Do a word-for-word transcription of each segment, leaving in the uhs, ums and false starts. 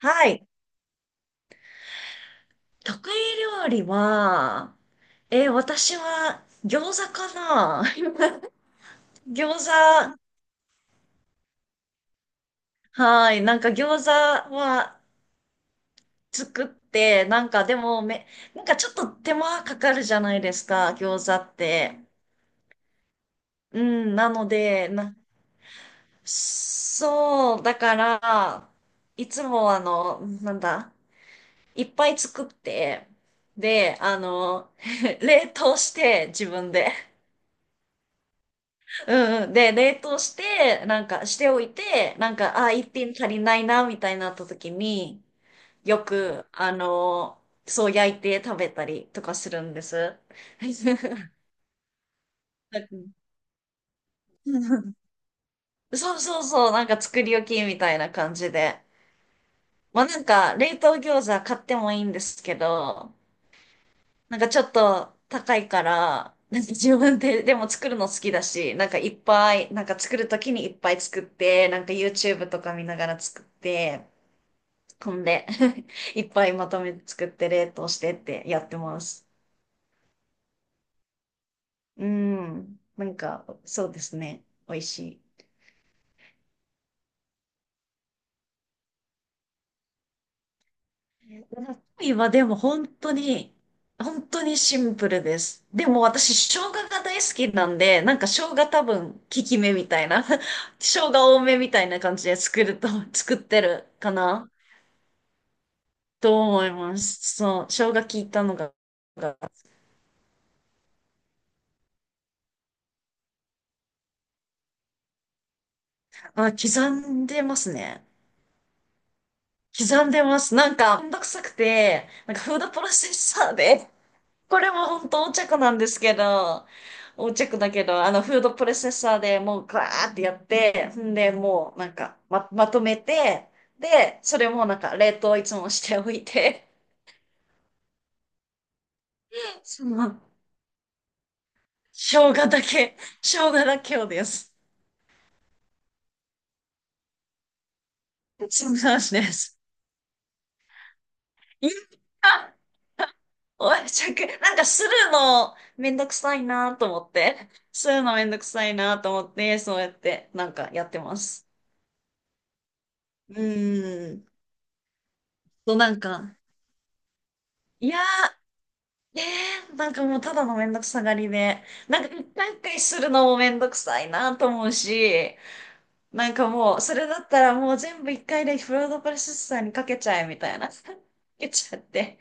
はい。得意料理は、えー私は餃子かな 餃子、はい。なんか餃子は作って、なんかでもめ、なんかちょっと手間かかるじゃないですか、餃子って。うん、なので、な、そう、だから、いつもあの、なんだ、いっぱい作って、で、あの、冷凍して自分で。うんうん。で、冷凍して、なんかしておいて、なんか、あ、一品足りないな、みたいになった時に、よく、あのーそう焼いて食べたりとかするんです。そうそうそう、なんか作り置きみたいな感じで。まあなんか、冷凍餃子買ってもいいんですけど、なんかちょっと高いから、なんか自分で、でも作るの好きだし、なんかいっぱい、なんか作るときにいっぱい作って、なんか ユーチューブ とか見ながら作って、飛んで いっぱいまとめて作って冷凍してってやってます。うん。なんか、そうですね。美味しい。今はでも本当に、本当にシンプルです。でも私、生姜が大好きなんで、なんか生姜多分、効き目みたいな、生姜多めみたいな感じで作ると、作ってるかなと思います。そう、生姜効いたのが、があ、刻んでますね。刻んでます。なんか、めんどくさくて、なんかフードプロセッサーで、これも本当横着なんですけど、横着だけど、あの、フードプロセッサーでもうガーってやって、んで、もうなんか、ま、まとめて、で、それもなんか、冷凍いつもしておいて、その、生姜だけ、生姜だけをです。そうなんです。いやおい、しゃく、なんかするのめんどくさいなと思って、するのめんどくさいなと思って、そうやってなんかやってます。うーん。となんか、いやー、えー、なんかもうただのめんどくさがりで、なんか一回一回するのもめんどくさいなと思うし、なんかもう、それだったらもう全部一回でフードプロセッサーにかけちゃえみたいな。かけちゃって。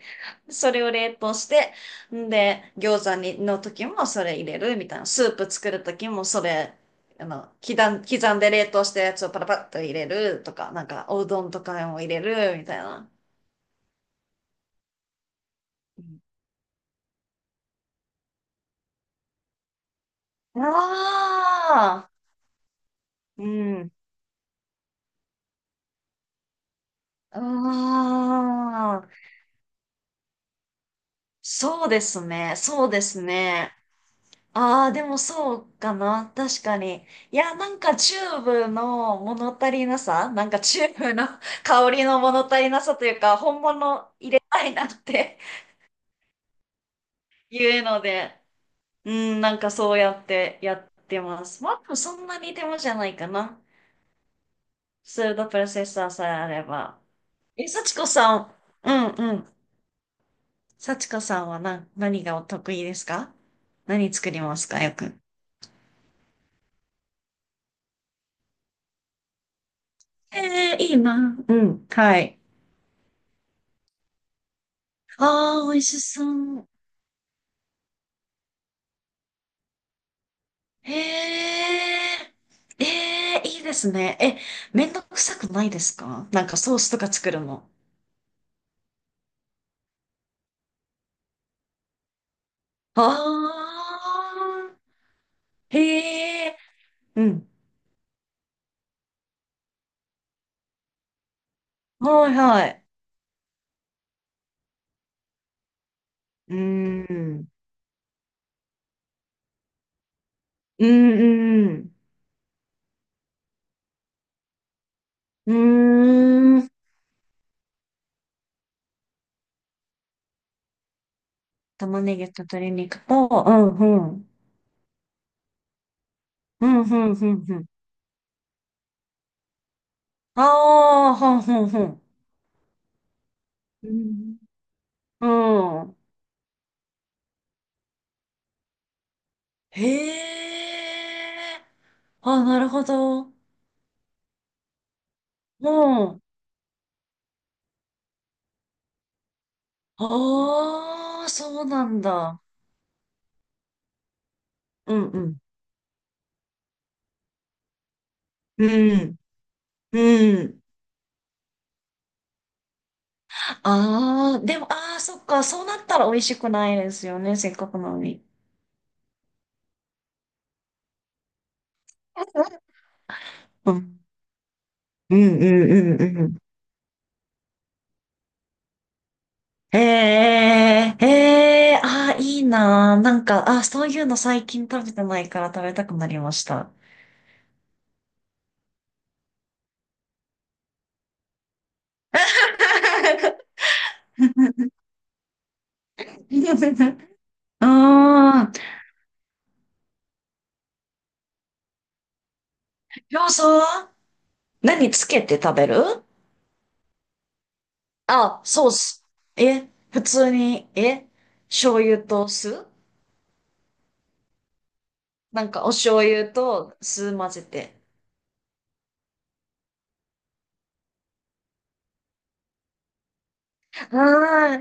それを冷凍して、んで、餃子にの時もそれ入れるみたいな。スープ作る時もそれ、あの、刻ん、刻んで冷凍したやつをパラパッと入れるとか、なんかおうどんとかも入れるみたいな。うんああ、うん。ああ、そうですね。そうですね。ああ、でもそうかな。確かに。いや、なんかチューブの物足りなさ、なんかチューブの 香りの物足りなさというか、本物入れたいなって いうので、うん、なんかそうやってやってます。まあ、でもそんなに手間じゃないかな。スードプロセッサーさえあれば。え、幸子さん、うんうん。幸子さんはな、何がお得意ですか？何作りますかよく。ええいいな。うん、はい。ああ、美味しそう。へえ、ええ、いいですね。え、めんどくさくないですか？なんかソースとか作るの。ああ、へえ、うん。はいはい。うーん。うん、うん。うーん。玉ねぎと鶏肉と、うん、うん。うん、うん、うん、うん。ああ、ほん、ほん、ほん。うん。うん。へえ。あ、なるほど。うん。ああ、そうなんだ。うんうん。うん、うん。ああ、でも、ああ、そっか、そうなったら美味しくないですよね、せっかくなのに。うん、うん、うん、うんうん。ええ、ええ、ああ、いいなー。なんか、ああ、そういうの最近食べてないから食べたくなりました。うーん。りょうは何つけて食べる？あ、ソース。え、普通に、え、醤油と酢なんかお醤油と酢混ぜて。あ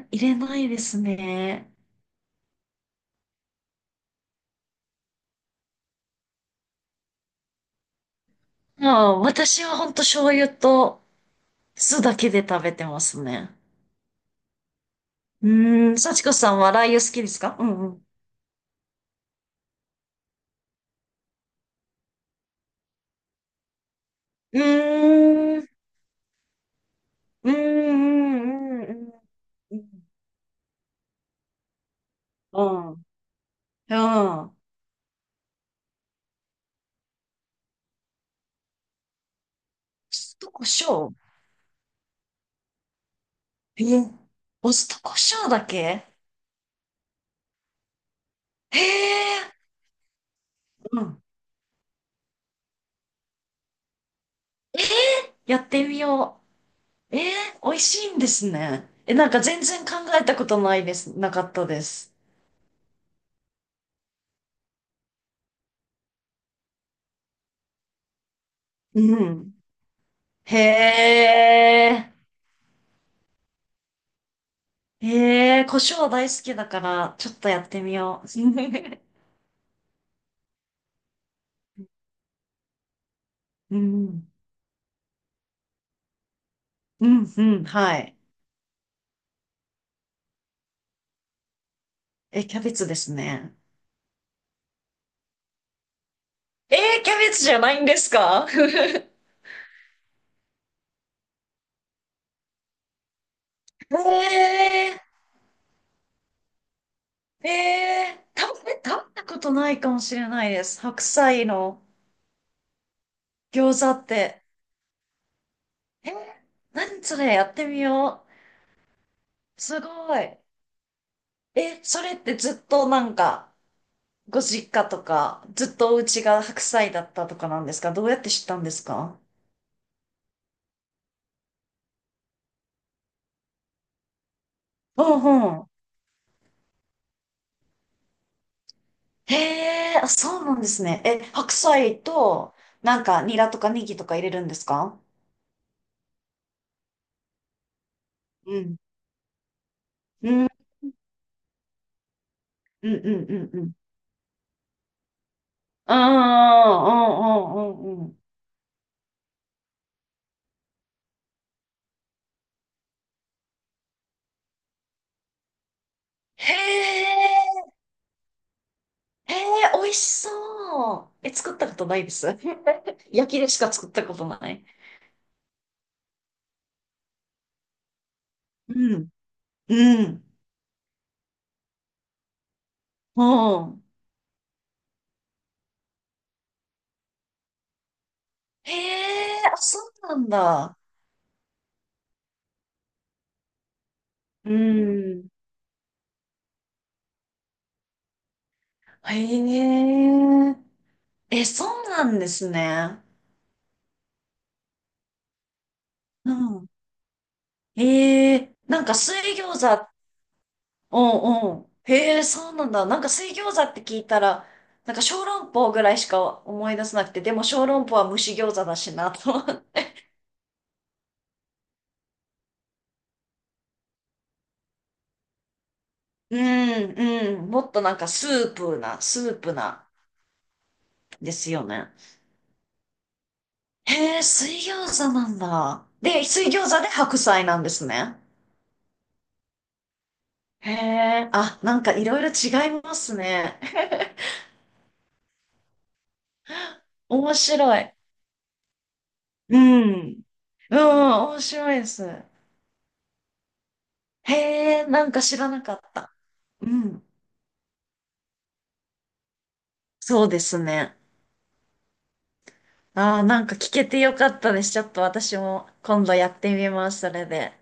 あ、入れないですね。もう私はほんと醤油と酢だけで食べてますね。うーん、幸子さんはラー油好きですか？うんうん。うーん、うーん、うん、うん、うん。うん。うん。お酢と胡椒。え、お酢と胡椒だけ？へえ。うん。やってみよう。えー、美味しいんですね。え、なんか全然考えたことないです。なかったです。うん。へえ。へえ、胡椒大好きだから、ちょっとやってみよう。うん。うん、うん、はい。え、キャベツですね。えー、キャベツじゃないんですか？ えー、えー、食べ、食べたことないかもしれないです。白菜の餃子って。えー、何それやってみよう。すごい。え、それってずっとなんか、ご実家とか、ずっとお家が白菜だったとかなんですか？どうやって知ったんですか？うんうん。へえ、あ、そうなんですね。え、白菜と、なんか、ニラとかネギとか入れるんですか？うん。うん、うん、うん、うん、うん。うん、うん、うん、うんうん。へえ、へえ、美味しそう。え、作ったことないです。焼きでしか作ったことない。うん、うん、うん。へえ、あ、そうなんだ。うん。へえ、え、そうなんですね。うん。ええ、なんか水餃子、うんうん。へえ、そうなんだ。なんか水餃子って聞いたら、なんか小籠包ぐらいしか思い出せなくて、でも小籠包は蒸し餃子だしなと思って。うんうん。もっとなんかスープな、スープな、ですよね。へえ、水餃子なんだ。で、水餃子で白菜なんですね。へえ、あ、なんかいろいろ違いますね。面白い。うん。うん、面白いです。へえ、なんか知らなかった。うん。そうですね。ああ、なんか聞けてよかったです。ちょっと私も今度やってみます、それで。